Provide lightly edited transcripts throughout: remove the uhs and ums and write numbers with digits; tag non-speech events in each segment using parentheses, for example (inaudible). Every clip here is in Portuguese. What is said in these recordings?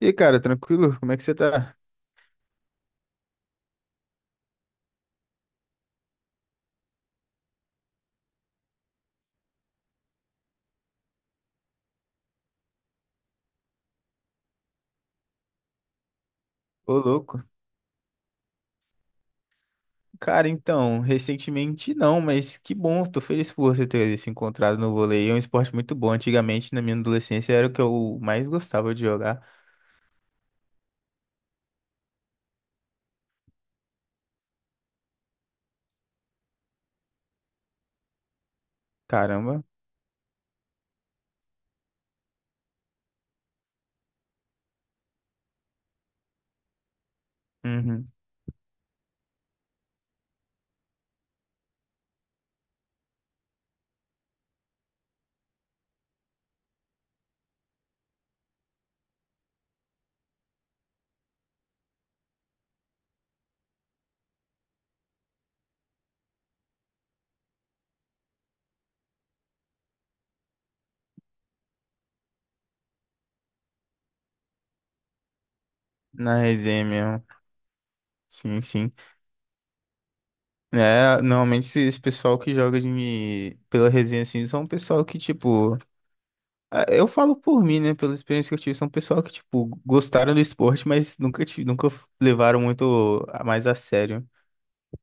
E aí, cara, tranquilo? Como é que você tá? Ô, louco. Cara, então, recentemente não, mas que bom, tô feliz por você ter se encontrado no vôlei. É um esporte muito bom. Antigamente, na minha adolescência, era o que eu mais gostava de jogar. Caramba. Uhum. Na resenha mesmo. Sim, sim. É, normalmente esse pessoal que joga de pela resenha, assim, são um pessoal que, tipo, ah, eu falo por mim, né? Pela experiência que eu tive, são pessoal que, tipo, gostaram do esporte, mas nunca, nunca levaram muito a mais a sério.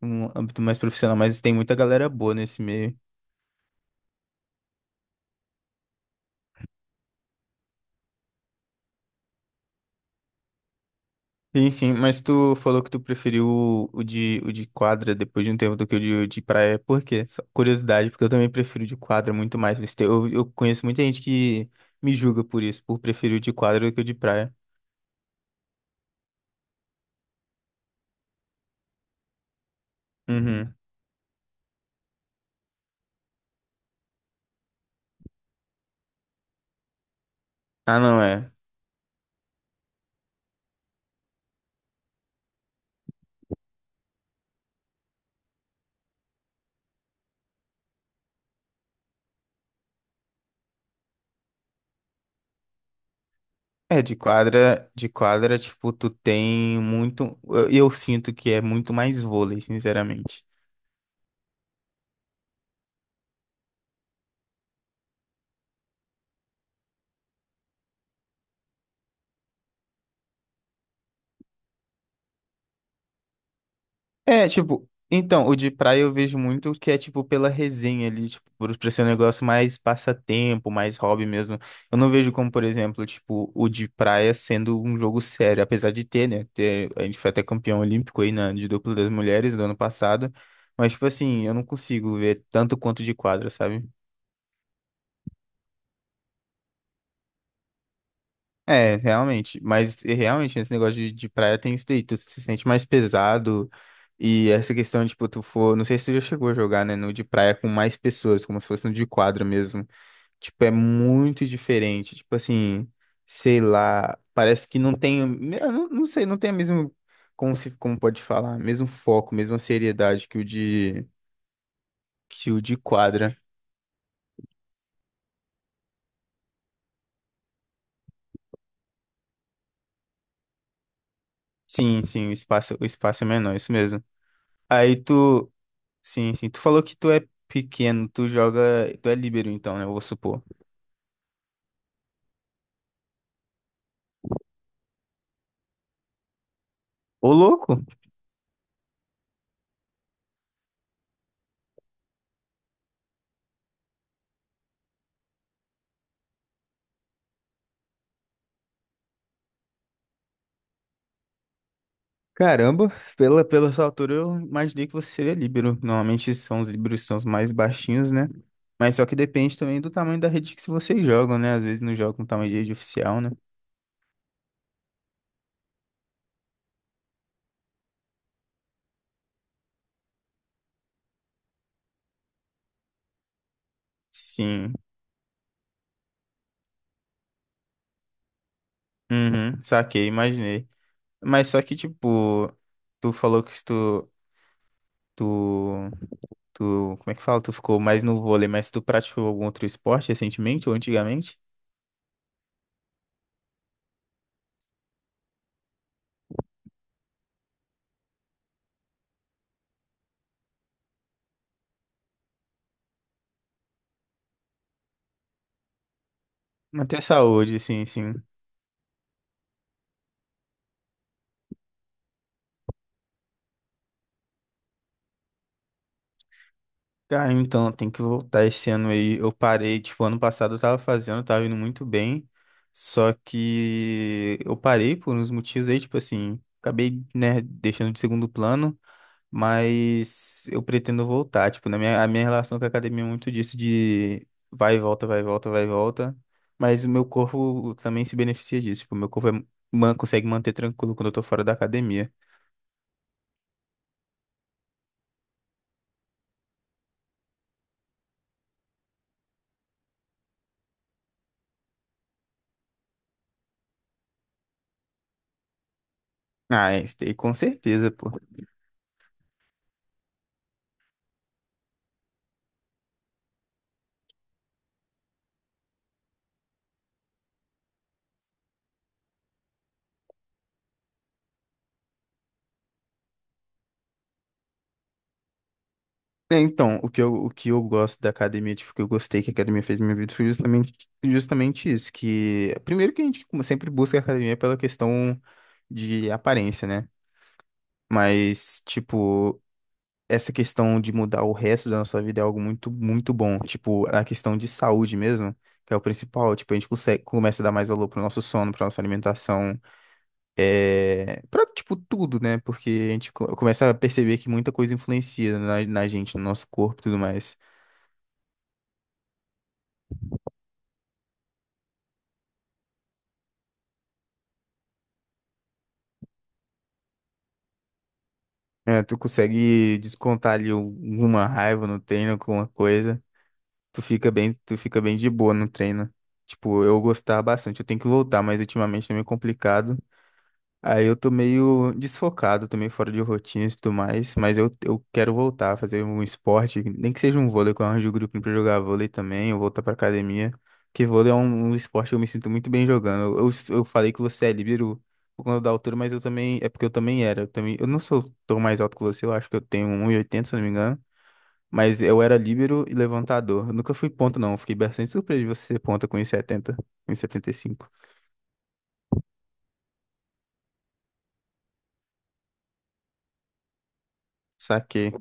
Um âmbito mais profissional, mas tem muita galera boa nesse meio. Sim, sim, mas tu falou que tu preferiu o de quadra depois de um tempo do que de praia. Por quê? Só curiosidade, porque eu também prefiro o de quadra muito mais, mas eu, conheço muita gente que me julga por isso, por preferir o de quadra do que o de praia. Uhum. Ah, não é. É, de quadra, tipo, tu tem muito. Eu sinto que é muito mais vôlei, sinceramente. É, tipo, então, o de praia eu vejo muito que é, tipo, pela resenha ali, tipo, por ser um negócio mais passatempo, mais hobby mesmo. Eu não vejo como, por exemplo, tipo, o de praia sendo um jogo sério, apesar de ter, né? Ter, a gente foi até campeão olímpico aí na, de duplo das mulheres do ano passado, mas, tipo assim, eu não consigo ver tanto quanto de quadra, sabe? É, realmente. Mas e, realmente, esse negócio de praia tem isso daí. Tu se sente mais pesado. E essa questão, de tipo, tu for. Não sei se tu já chegou a jogar, né? No de praia com mais pessoas, como se fosse no de quadra mesmo. Tipo, é muito diferente. Tipo assim, sei lá. Parece que não tem. Eu não, não sei, não tem a mesma. Como se, como pode falar? Mesmo foco, mesma seriedade que que o de quadra. Sim, sim, o espaço é menor, isso mesmo. Aí tu. Sim, sim. Tu falou que tu é pequeno, tu joga, tu é líbero então, né? Eu vou supor. Ô, louco! Caramba, pela sua altura eu imaginei que você seria líbero. Normalmente são os líberos que são os mais baixinhos, né? Mas só que depende também do tamanho da rede que vocês jogam, né? Às vezes não jogam com tamanho de rede oficial, né? Sim. Uhum, saquei, imaginei. Mas só que, tipo, tu falou que tu, tu, tu, como é que fala? Tu ficou mais no vôlei, mas tu praticou algum outro esporte recentemente ou antigamente? Manter saúde, sim, sim. Cara, então, tem que voltar esse ano aí. Eu parei, tipo, ano passado eu tava fazendo, tava indo muito bem. Só que eu parei por uns motivos aí, tipo assim, acabei, né, deixando de segundo plano, mas eu pretendo voltar. Tipo, a minha relação com a academia é muito disso de vai e volta, vai e volta, vai e volta. Mas o meu corpo também se beneficia disso. Tipo, o meu corpo consegue manter tranquilo quando eu tô fora da academia. Ah, é isso daí com certeza, pô. É, então, o que eu gosto da academia, tipo, o que eu gostei que a academia fez na minha vida foi justamente isso, que primeiro que a gente sempre busca a academia pela questão de aparência, né? Mas, tipo, essa questão de mudar o resto da nossa vida é algo muito, muito bom. Tipo, a questão de saúde mesmo, que é o principal, tipo, a gente consegue, começa a dar mais valor pro nosso sono, pra nossa alimentação, é, pra, tipo, tudo, né? Porque a gente começa a perceber que muita coisa influencia na gente, no nosso corpo e tudo mais. É, tu consegue descontar ali alguma raiva no treino, alguma coisa. Tu fica bem de boa no treino. Tipo, eu gostava bastante. Eu tenho que voltar, mas ultimamente tá meio complicado. Aí eu tô meio desfocado, tô meio fora de rotina e tudo mais, mas eu quero voltar a fazer um esporte, nem que seja um vôlei, que eu arranjo o grupo pra jogar vôlei também, eu voltar pra academia, porque vôlei é um esporte que eu me sinto muito bem jogando. Eu falei que você é líbero por conta da altura, mas eu também, é porque eu também era, eu também, eu não sou tão mais alto que você, eu acho que eu tenho 1,80, se eu não me engano, mas eu era líbero e levantador, eu nunca fui ponta não, eu fiquei bastante surpreso de você ser ponta com 1,70, 1,75. Saquei.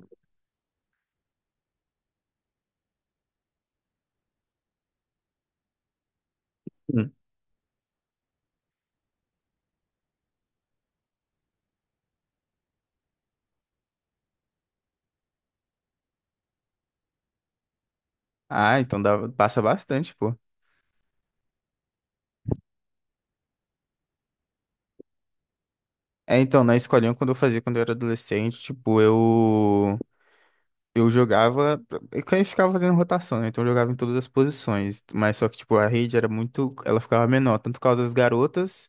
Ah, então dá, passa bastante, pô. É, então, na escolinha, quando eu fazia, quando eu era adolescente, eu jogava, eu ficava fazendo rotação, né? Então eu jogava em todas as posições, mas só que, tipo, a rede era muito, ela ficava menor, tanto por causa das garotas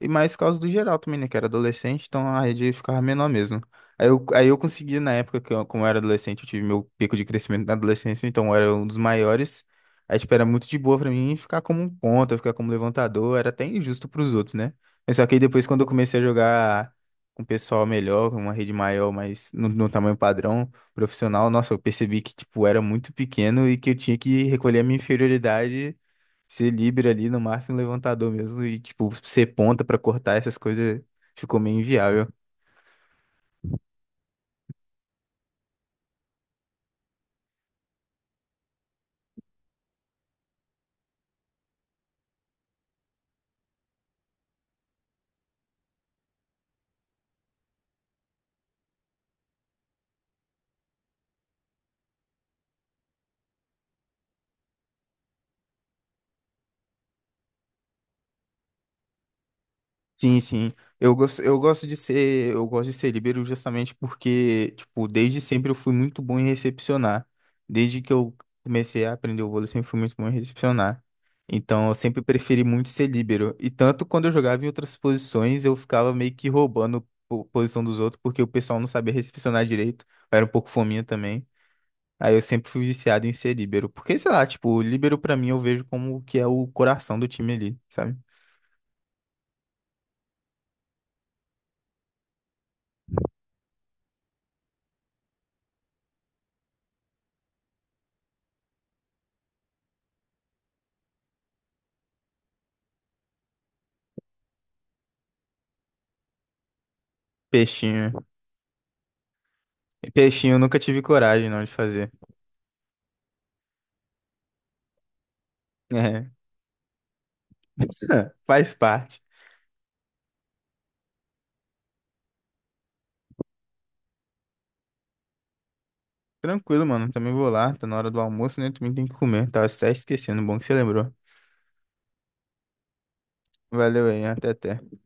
e mais por causa do geral também, né? Que era adolescente, então a rede ficava menor mesmo. Aí eu consegui, na época que eu, como eu era adolescente, eu tive meu pico de crescimento na adolescência, então eu era um dos maiores. Aí, tipo, era muito de boa pra mim ficar como um ponta, ficar como levantador, era até injusto pros outros, né? Mas só que aí depois, quando eu comecei a jogar com um pessoal melhor, com uma rede maior, mas no tamanho padrão, profissional, nossa, eu percebi que, tipo, era muito pequeno e que eu tinha que recolher a minha inferioridade. Ser livre ali no máximo levantador mesmo e, tipo, ser ponta pra cortar essas coisas ficou meio inviável. Sim, sim. Eu gosto de ser líbero justamente porque, tipo, desde sempre eu fui muito bom em recepcionar. Desde que eu comecei a aprender o vôlei, eu sempre fui muito bom em recepcionar. Então, eu sempre preferi muito ser líbero. E tanto quando eu jogava em outras posições, eu ficava meio que roubando posição dos outros porque o pessoal não sabia recepcionar direito. Eu era um pouco fominha também. Aí eu sempre fui viciado em ser líbero, porque sei lá, tipo, o líbero pra mim eu vejo como que é o coração do time ali, sabe? Peixinho. Peixinho eu nunca tive coragem não de fazer. É. (laughs) Faz parte. Tranquilo, mano. Também vou lá, tá na hora do almoço, né? Também tem que comer. Tava até esquecendo, bom que você lembrou. Valeu aí, até até.